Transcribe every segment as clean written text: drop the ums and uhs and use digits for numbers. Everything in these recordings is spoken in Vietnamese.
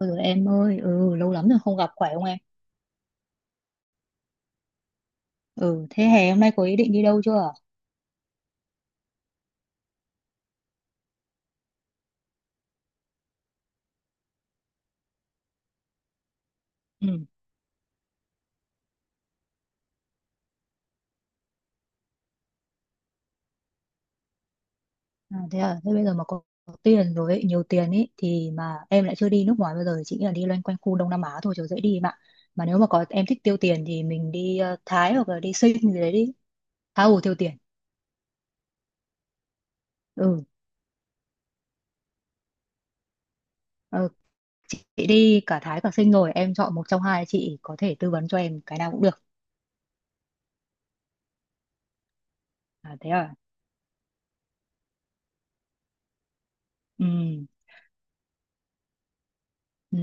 Ừ em ơi, lâu lắm rồi không gặp, khỏe không em? Ừ, thế hè hôm nay có ý định đi đâu chưa? Ừ. À, thế bây giờ mà có tiền rồi ấy, nhiều tiền ấy thì mà em lại chưa đi nước ngoài bao giờ, chỉ nghĩ là đi loanh quanh khu Đông Nam Á thôi cho dễ đi em ạ. Mà nếu mà có em thích tiêu tiền thì mình đi Thái hoặc là đi Sing gì đấy đi. Tha hồ tiêu tiền. Ừ. Ờ, chị đi cả Thái cả Sing rồi, em chọn một trong hai chị có thể tư vấn cho em cái nào cũng được. À thế à. Ừ. Ừ.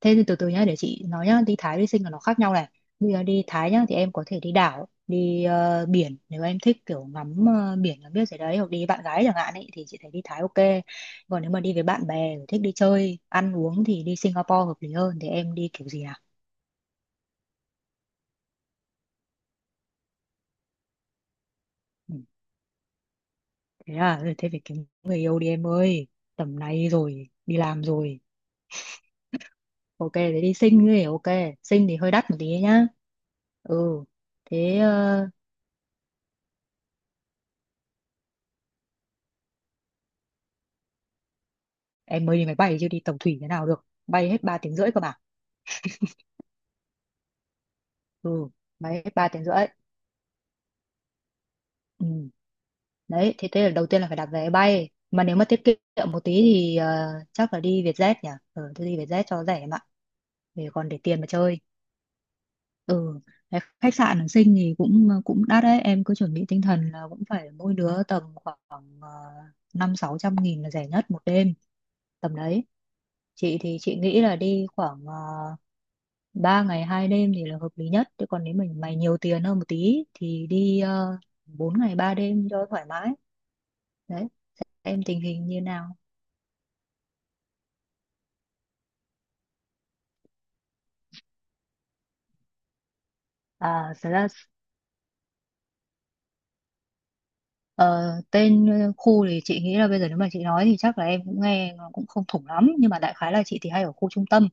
Thế thì từ từ nhá, để chị nói nhá. Đi Thái đi Sinh là nó khác nhau này. Bây giờ đi Thái nhá thì em có thể đi đảo, đi biển, nếu em thích kiểu ngắm biển là biết rồi đấy, hoặc đi với bạn gái chẳng hạn ấy thì chị thấy đi Thái ok. Còn nếu mà đi với bạn bè thích đi chơi ăn uống thì đi Singapore hợp lý hơn. Thì em đi kiểu gì nào? Ừ. Thế à. Ừ, thế phải kiếm người yêu đi em ơi, tầm này rồi đi làm rồi. Ok, thế đi Sinh thì ok. Sinh thì hơi đắt một tí nhá. Ừ. Thế em mới đi máy bay chứ đi tàu thủy thế nào được, bay hết 3 tiếng rưỡi cơ mà. Ừ, bay hết 3 tiếng rưỡi. Ừ. Đấy, thế thế là đầu tiên là phải đặt vé bay, mà nếu mà tiết kiệm một tí thì chắc là đi Vietjet nhỉ. Ừ, tôi đi Vietjet cho rẻ em ạ, để còn để tiền mà chơi. Ừ. Cái khách sạn ở Sinh thì cũng cũng đắt đấy, em cứ chuẩn bị tinh thần là cũng phải mỗi đứa tầm khoảng ờ, 500-600 nghìn là rẻ nhất một đêm, tầm đấy. Chị thì chị nghĩ là đi khoảng 3 ngày 2 đêm thì là hợp lý nhất, chứ còn nếu mình mày nhiều tiền hơn một tí thì đi 4 ngày 3 đêm cho thoải mái. Đấy, em tình hình như nào? À, thật ra khu thì chị nghĩ là bây giờ nếu mà chị nói thì chắc là em cũng nghe nó cũng không thủng lắm, nhưng mà đại khái là chị thì hay ở khu trung tâm.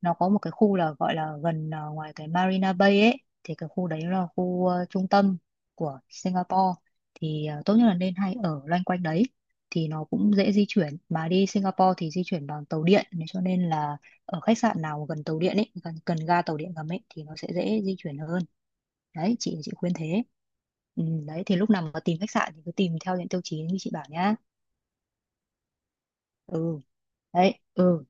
Nó có một cái khu là gọi là gần ngoài cái Marina Bay ấy, thì cái khu đấy là khu trung tâm của Singapore. Thì tốt nhất là nên hay ở loanh quanh đấy, thì nó cũng dễ di chuyển. Mà đi Singapore thì di chuyển bằng tàu điện nên cho nên là ở khách sạn nào gần tàu điện ấy, gần ga tàu điện ngầm ấy, thì nó sẽ dễ di chuyển hơn. Đấy, chị khuyên thế. Ừ, đấy thì lúc nào mà tìm khách sạn thì cứ tìm theo những tiêu chí như chị bảo nhá. Ừ. Đấy. Ừ.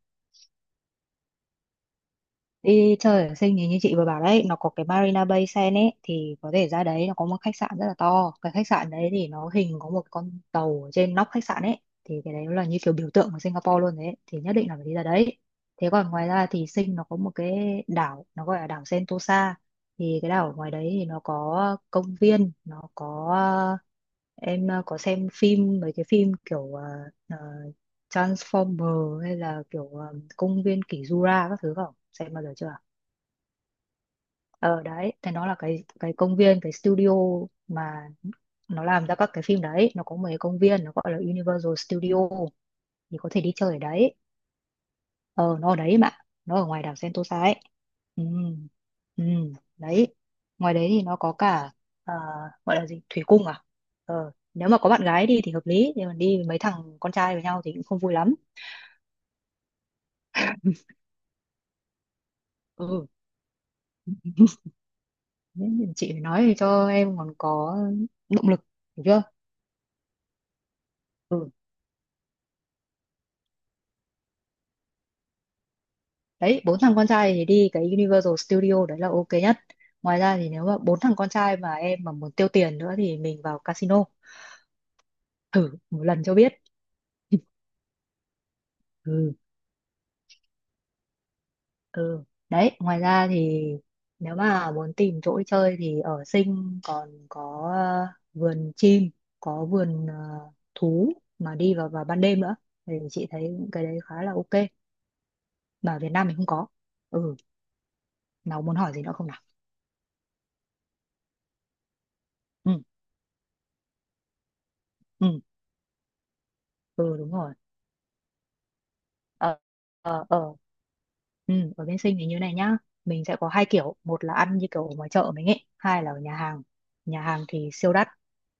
Đi chơi ở Sing thì như chị vừa bảo đấy, nó có cái Marina Bay Sands ấy, thì có thể ra đấy. Nó có một khách sạn rất là to, cái khách sạn đấy thì nó hình có một con tàu ở trên nóc khách sạn ấy, thì cái đấy nó là như kiểu biểu tượng của Singapore luôn đấy, thì nhất định là phải đi ra đấy. Thế còn ngoài ra thì Sinh nó có một cái đảo, nó gọi là đảo Sentosa. Thì cái đảo ngoài đấy thì nó có công viên, nó có, em có xem phim mấy cái phim kiểu ờ, Transformer hay là kiểu công viên kỷ Jura các thứ không, xem bao giờ chưa? Ờ, đấy thì nó là cái công viên, cái studio mà nó làm ra các cái phim đấy. Nó có một cái công viên nó gọi là Universal Studio, thì có thể đi chơi ở đấy. Ờ, nó ở đấy mà, nó ở ngoài đảo Sentosa ấy. Ừ. Ừ. Đấy. Ngoài đấy thì nó có cả, à, gọi là gì, thủy cung à. Ờ, nếu mà có bạn gái đi thì hợp lý, nhưng mà đi với mấy thằng con trai với nhau thì cũng không vui lắm. Ừ, nên chị phải nói cho em còn có động lực, hiểu chưa? Ừ, đấy, bốn thằng con trai thì đi cái Universal Studio đấy là ok nhất. Ngoài ra thì nếu mà bốn thằng con trai mà em mà muốn tiêu tiền nữa thì mình vào casino thử một lần cho biết. Ừ. Ừ, đấy, ngoài ra thì nếu mà muốn tìm chỗ đi chơi thì ở Sing còn có vườn chim, có vườn thú mà đi vào vào ban đêm nữa, thì chị thấy cái đấy khá là ok, mà ở Việt Nam mình không có. Ừ, nào muốn hỏi gì nữa không nào? Ừ, ừ, ừ, đúng rồi. Ờ, ờ, ờ, Ừ, ở bên Sinh thì như này nhá, mình sẽ có hai kiểu, một là ăn như kiểu ở ngoài chợ mình ấy, hai là ở nhà hàng. Nhà hàng thì siêu đắt.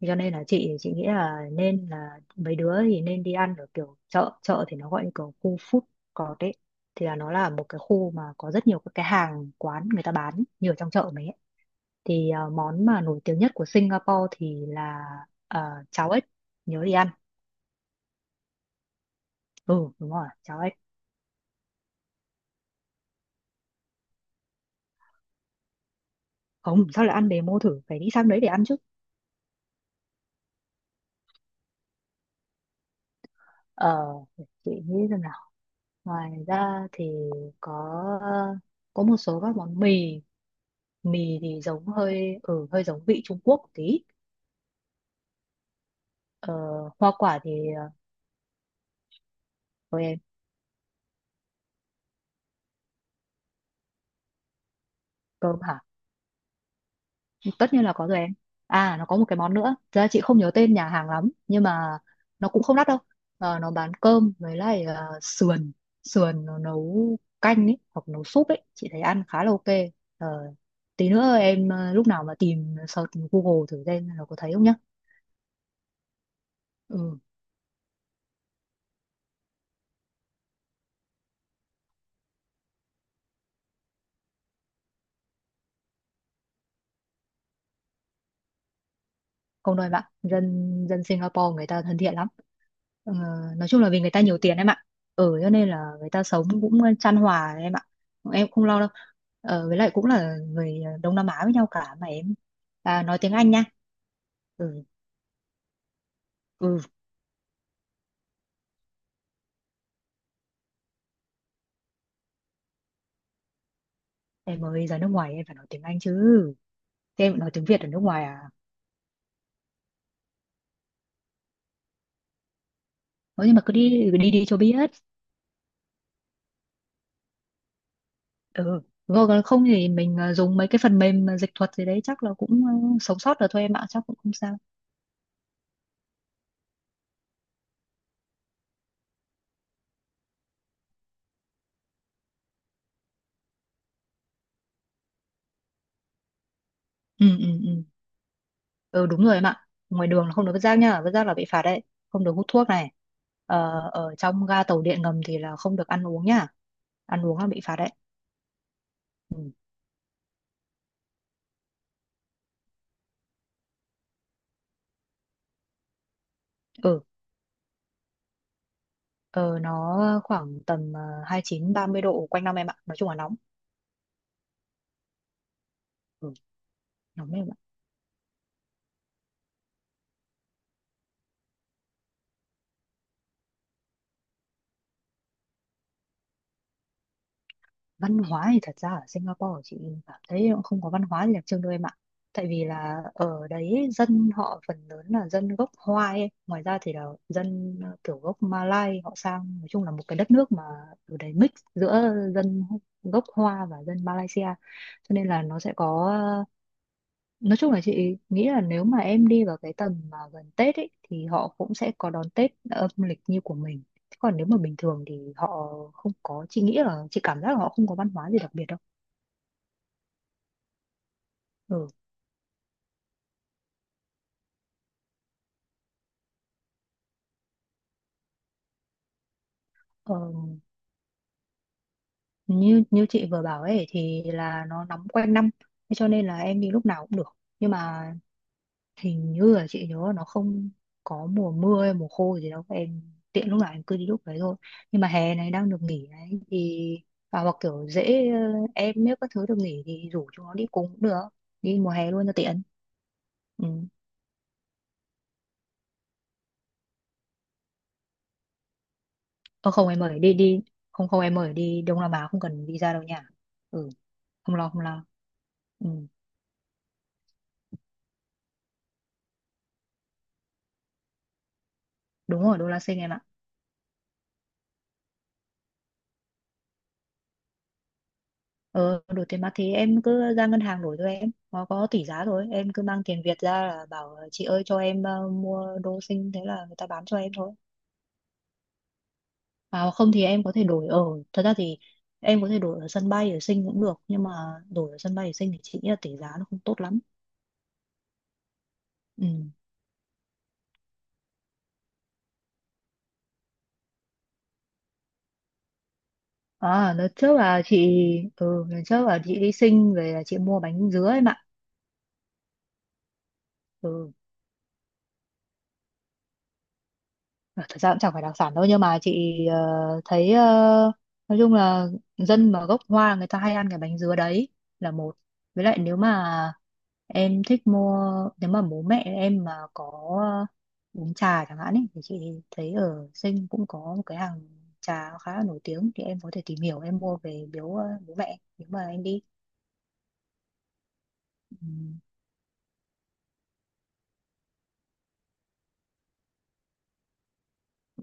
Thế cho nên là chị nghĩ là nên là mấy đứa thì nên đi ăn ở kiểu chợ chợ thì nó gọi như kiểu khu food court ấy, thì là nó là một cái khu mà có rất nhiều các cái hàng quán người ta bán như ở trong chợ mình ấy. Thì món mà nổi tiếng nhất của Singapore thì là ờ, cháo ếch, nhớ đi ăn. Ừ, đúng rồi, cháo ếch. Không, sao lại ăn demo thử, phải đi sang đấy để ăn chứ. Ờ, chị nghĩ rằng là ngoài ra thì có có một số các món mì. Mì thì giống hơi giống vị Trung Quốc một tí. ờ, hoa quả thì ờ, thôi em. Cơm hả, tất nhiên là có rồi em. À, nó có một cái món nữa, thật ra chị không nhớ tên nhà hàng lắm nhưng mà nó cũng không đắt đâu. Ờ, nó bán cơm với lại sườn. Sườn nó nấu canh ấy hoặc nấu súp ấy, chị thấy ăn khá là ok. Ờ, tí nữa em lúc nào mà tìm, search Google thử xem nó có thấy không nhá. Ừ. Không đâu em ạ, dân dân Singapore người ta thân thiện lắm. Ờ, nói chung là vì người ta nhiều tiền em ạ, ở cho nên là người ta sống cũng chan hòa em ạ, em không lo đâu. Ờ, với lại cũng là người Đông Nam Á với nhau cả mà em. À, nói tiếng Anh nha. Ừ. Ừ, em mới ra nước ngoài em phải nói tiếng Anh chứ. Thế em nói tiếng Việt ở nước ngoài à? Nói, nhưng mà cứ đi đi đi cho biết. Ừ, rồi còn không thì mình dùng mấy cái phần mềm dịch thuật gì đấy, chắc là cũng sống sót được thôi em ạ, chắc cũng không sao. Ừ. Ừ, ừ, ừ, đúng rồi em ạ. Ngoài đường là không được vứt rác nha, vứt rác là bị phạt đấy. Không được hút thuốc này. Ờ, ở trong ga tàu điện ngầm thì là không được ăn uống nha, ăn uống là bị phạt đấy. Ừ. Ờ, nó khoảng tầm 29-30 độ quanh năm em ạ, nói chung là nóng. Ừ, nóng. Văn hóa thì thật ra ở Singapore chị cảm thấy cũng không có văn hóa gì đặc trưng đâu em ạ. Tại vì là ở đấy dân họ phần lớn là dân gốc Hoa ấy. Ngoài ra thì là dân kiểu gốc Malay họ sang. Nói chung là một cái đất nước mà ở đấy mix giữa dân gốc Hoa và dân Malaysia, cho nên là nó sẽ có. Nói chung là chị nghĩ là nếu mà em đi vào cái tầm mà gần Tết ấy, thì họ cũng sẽ có đón Tết âm lịch như của mình. Thế còn nếu mà bình thường thì họ không có, chị nghĩ là chị cảm giác là họ không có văn hóa gì đặc biệt đâu. Ừ. Ờ, như như chị vừa bảo ấy thì là nó nóng quanh năm, thế cho nên là em đi lúc nào cũng được. Nhưng mà hình như là chị nhớ là nó không có mùa mưa hay mùa khô gì đâu em, tiện lúc nào em cứ đi lúc đấy thôi. Nhưng mà hè này đang được nghỉ đấy thì, à, hoặc kiểu dễ, em nếu các thứ được nghỉ thì rủ chúng nó đi cùng cũng được, đi mùa hè luôn cho tiện. Ừ. Ờ, không em ơi đi đi, không không em ơi, đi Đông Nam Á không cần visa đâu nha. Ừ, không lo không lo. Ừ. Đúng rồi, đô la Sinh em ạ. Ờ, đổi tiền mặt thì em cứ ra ngân hàng đổi cho em, nó có tỷ giá rồi, em cứ mang tiền Việt ra là bảo chị ơi cho em mua đô Sinh, thế là người ta bán cho em thôi. Mà không thì em có thể đổi ở, thật ra thì em có thể đổi ở sân bay ở Sinh cũng được, nhưng mà đổi ở sân bay ở Sinh thì chị nghĩ là tỷ giá nó không tốt lắm. Ừ. À, lần trước là chị, ừ lần trước là chị đi Sing về là chị mua bánh dứa em ạ. Ừ. Ờ, thật ra cũng chẳng phải đặc sản đâu, nhưng mà chị thấy nói chung là dân mà gốc Hoa người ta hay ăn cái bánh dứa đấy là một. Với lại nếu mà em thích mua, nếu mà bố mẹ em mà có ờ, uống trà chẳng hạn ấy thì chị thấy ở Sinh cũng có một cái hàng trà khá là nổi tiếng, thì em có thể tìm hiểu em mua về biếu bố mẹ nếu mà em đi. Ừ.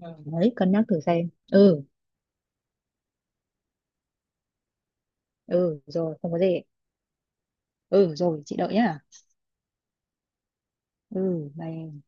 Ừ, đấy, cân nhắc thử xem. Ừ, ừ rồi không có gì. Ừ rồi chị đợi nhá. Ừ bye em.